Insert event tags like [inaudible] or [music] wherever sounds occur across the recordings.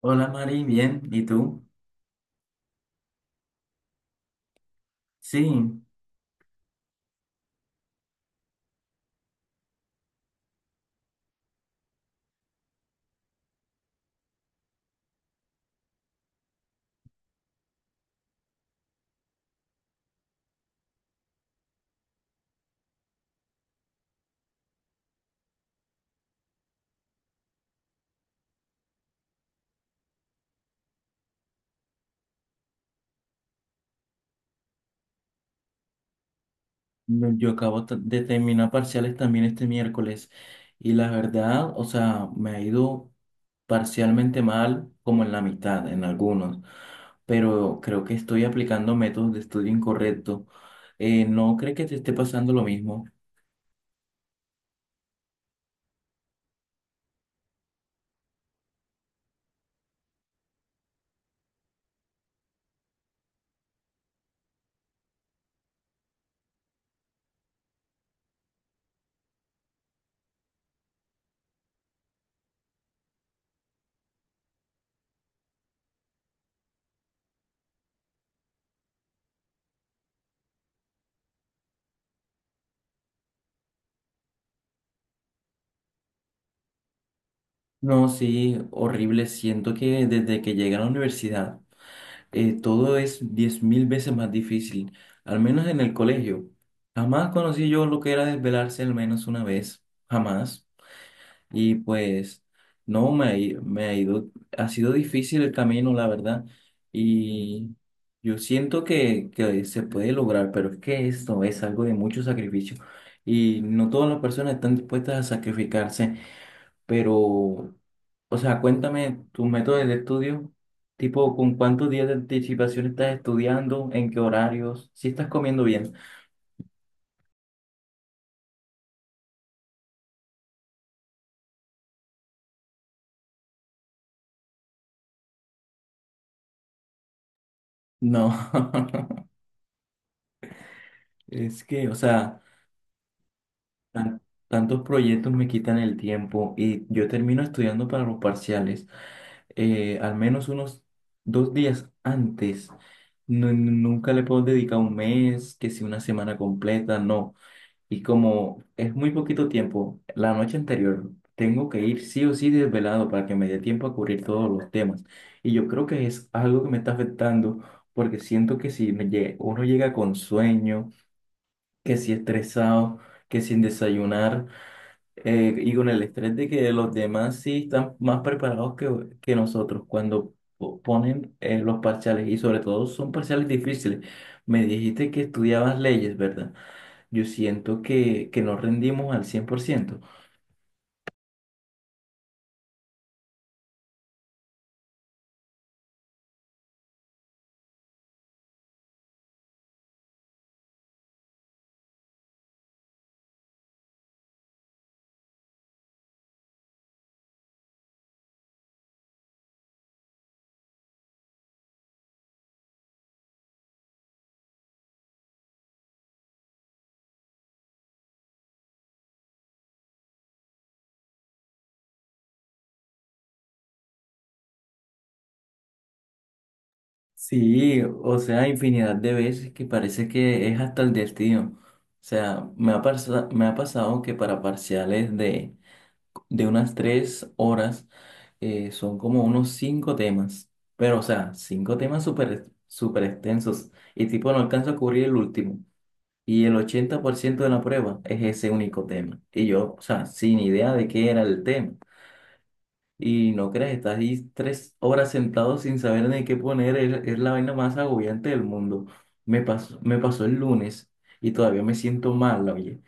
Hola Mari, bien, ¿y tú? Sí, no, yo de terminar parciales también este miércoles y la verdad, o sea, me ha ido parcialmente mal como en la mitad, en algunos, pero creo que estoy aplicando métodos de estudio incorrecto. ¿No crees que te esté pasando lo mismo? No, sí, horrible, siento que desde que llegué a la universidad todo es 10,000 veces más difícil, al menos en el colegio. Jamás conocí yo lo que era desvelarse al menos una vez, jamás. Y pues no, me ha ido, ha sido difícil el camino, la verdad. Y yo siento que se puede lograr, pero es que esto es algo de mucho sacrificio. Y no todas las personas están dispuestas a sacrificarse pero, o sea, cuéntame tus métodos de estudio, tipo, ¿con cuántos días de anticipación estás estudiando? ¿En qué horarios? ¿Si estás comiendo bien? No, [laughs] es que, o sea, tan- tantos proyectos me quitan el tiempo y yo termino estudiando para los parciales al menos unos 2 días antes. Nunca le puedo dedicar un mes, que si una semana completa, no. Y como es muy poquito tiempo, la noche anterior tengo que ir sí o sí desvelado para que me dé tiempo a cubrir todos los temas. Y yo creo que es algo que me está afectando porque siento que si uno llega con sueño, que si estresado, que sin desayunar, y con el estrés de que los demás sí están más preparados que nosotros cuando ponen los parciales y sobre todo son parciales difíciles. Me dijiste que estudiabas leyes, ¿verdad? Yo siento que, no rendimos al 100%. Sí, o sea, infinidad de veces que parece que es hasta el destino. O sea, me ha pasado que para parciales de unas 3 horas son como unos cinco temas. Pero, o sea, cinco temas súper súper extensos. Y tipo, no alcanzo a cubrir el último. Y el 80% de la prueba es ese único tema. Y yo, o sea, sin idea de qué era el tema. Y no creas, estás ahí 3 horas sentado sin saber ni qué poner, es la vaina más agobiante del mundo. Me pasó el lunes y todavía me siento mal, oye.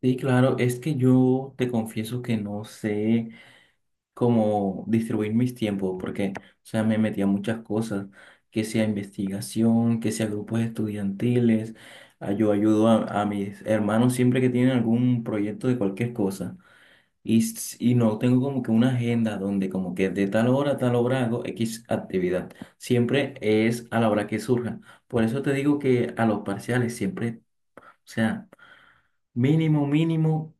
Sí, claro, es que yo te confieso que no sé cómo distribuir mis tiempos, porque, o sea, me metí a muchas cosas, que sea investigación, que sea grupos estudiantiles, ah, yo ayudo a mis hermanos siempre que tienen algún proyecto de cualquier cosa. Y no tengo como que una agenda donde como que de tal hora a tal hora hago X actividad. Siempre es a la hora que surja. Por eso te digo que a los parciales siempre, o sea, mínimo, mínimo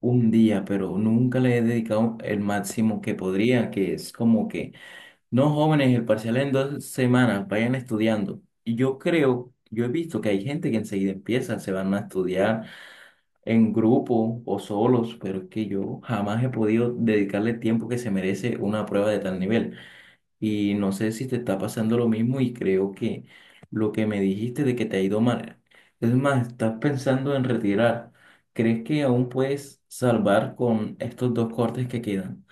un día, pero nunca le he dedicado el máximo que podría, que es como que, no jóvenes, el parcial en 2 semanas, vayan estudiando. Y yo creo, yo he visto que hay gente que enseguida empieza, se van a estudiar en grupo o solos, pero es que yo jamás he podido dedicarle el tiempo que se merece una prueba de tal nivel. Y no sé si te está pasando lo mismo y creo que lo que me dijiste de que te ha ido mal, es más, estás pensando en retirar. ¿Crees que aún puedes salvar con estos dos cortes que quedan?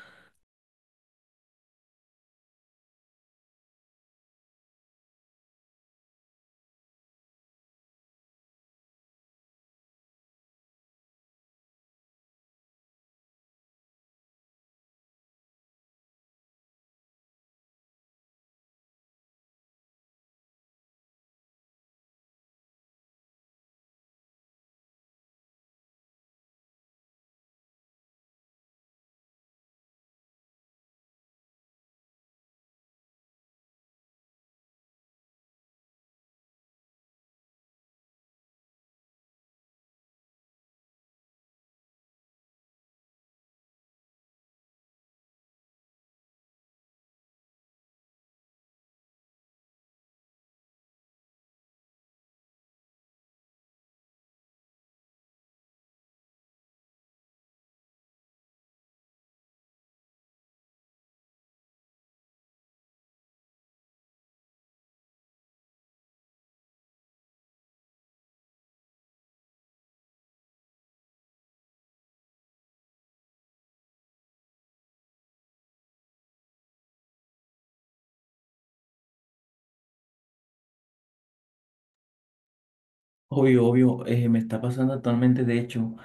Obvio, obvio, me está pasando actualmente, de hecho.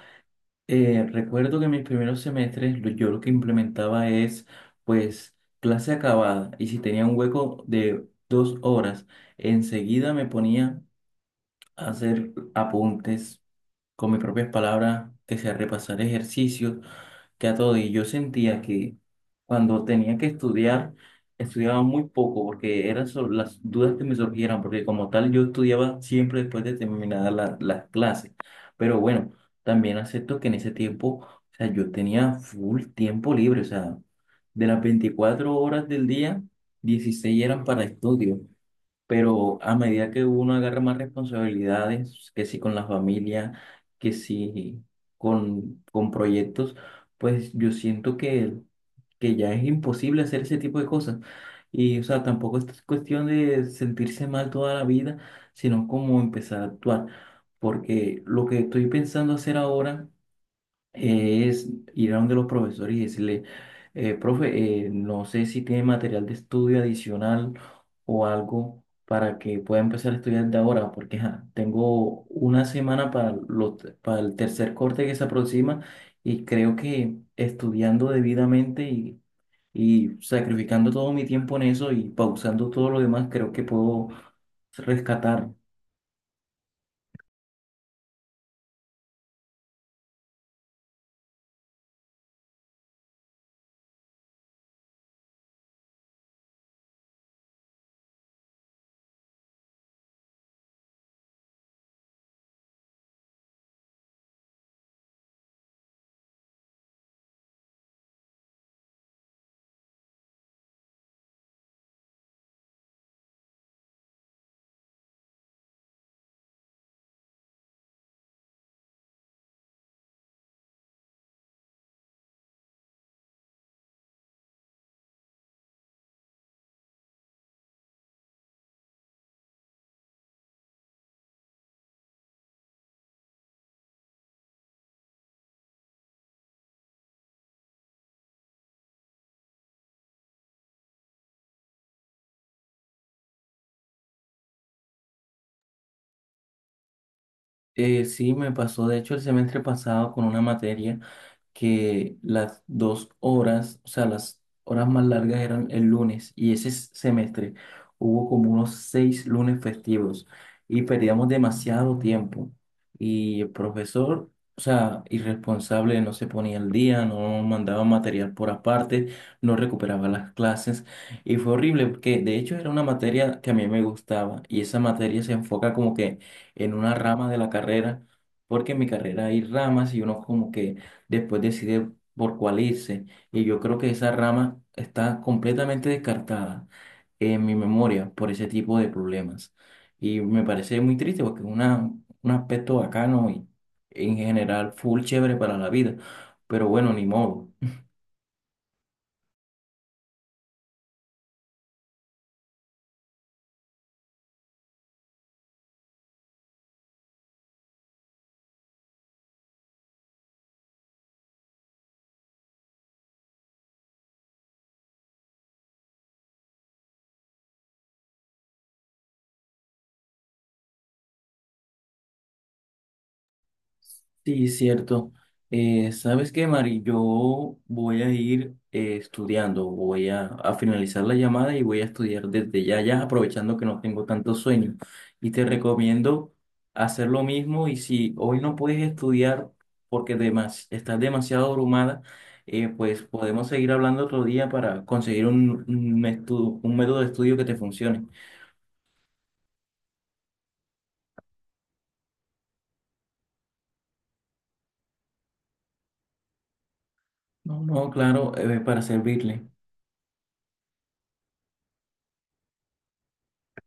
Recuerdo que mis primeros semestres yo lo que implementaba es pues clase acabada y si tenía un hueco de 2 horas, enseguida me ponía a hacer apuntes con mis propias palabras, que sea repasar ejercicios que a todo. Y yo sentía que cuando tenía que estudiar, estudiaba muy poco porque eran solo las dudas que me surgieran, porque como tal yo estudiaba siempre después de terminadas las clases. Pero bueno, también acepto que en ese tiempo, o sea, yo tenía full tiempo libre, o sea, de las 24 horas del día, 16 eran para estudio. Pero a medida que uno agarra más responsabilidades, que sí con la familia, que sí con proyectos, pues yo siento que ya es imposible hacer ese tipo de cosas. Y, o sea, tampoco es cuestión de sentirse mal toda la vida, sino como empezar a actuar. Porque lo que estoy pensando hacer ahora es ir a donde los profesores y decirle, profe, no sé si tiene material de estudio adicional o algo para que pueda empezar a estudiar de ahora, porque ajá, tengo una semana para el tercer corte que se aproxima y creo que estudiando debidamente y sacrificando todo mi tiempo en eso y pausando todo lo demás, creo que puedo rescatar. Sí, me pasó de hecho el semestre pasado con una materia, que las 2 horas, o sea, las horas más largas eran el lunes y ese semestre hubo como unos seis lunes festivos y perdíamos demasiado tiempo y el profesor, o sea, irresponsable, no se ponía al día, no mandaba material por aparte, no recuperaba las clases y fue horrible porque de hecho era una materia que a mí me gustaba y esa materia se enfoca como que en una rama de la carrera. Porque en mi carrera hay ramas y uno como que después decide por cuál irse. Y yo creo que esa rama está completamente descartada en mi memoria por ese tipo de problemas. Y me parece muy triste porque es una, un aspecto bacano y en general full chévere para la vida. Pero bueno, ni modo. Sí, cierto. ¿Sabes qué, Mari? Yo voy a ir estudiando, voy a finalizar la llamada y voy a estudiar desde ya, ya aprovechando que no tengo tanto sueño. Y te recomiendo hacer lo mismo y si hoy no puedes estudiar porque estás demasiado abrumada, pues podemos seguir hablando otro día para conseguir un método de estudio que te funcione. No, no, claro, para servirle.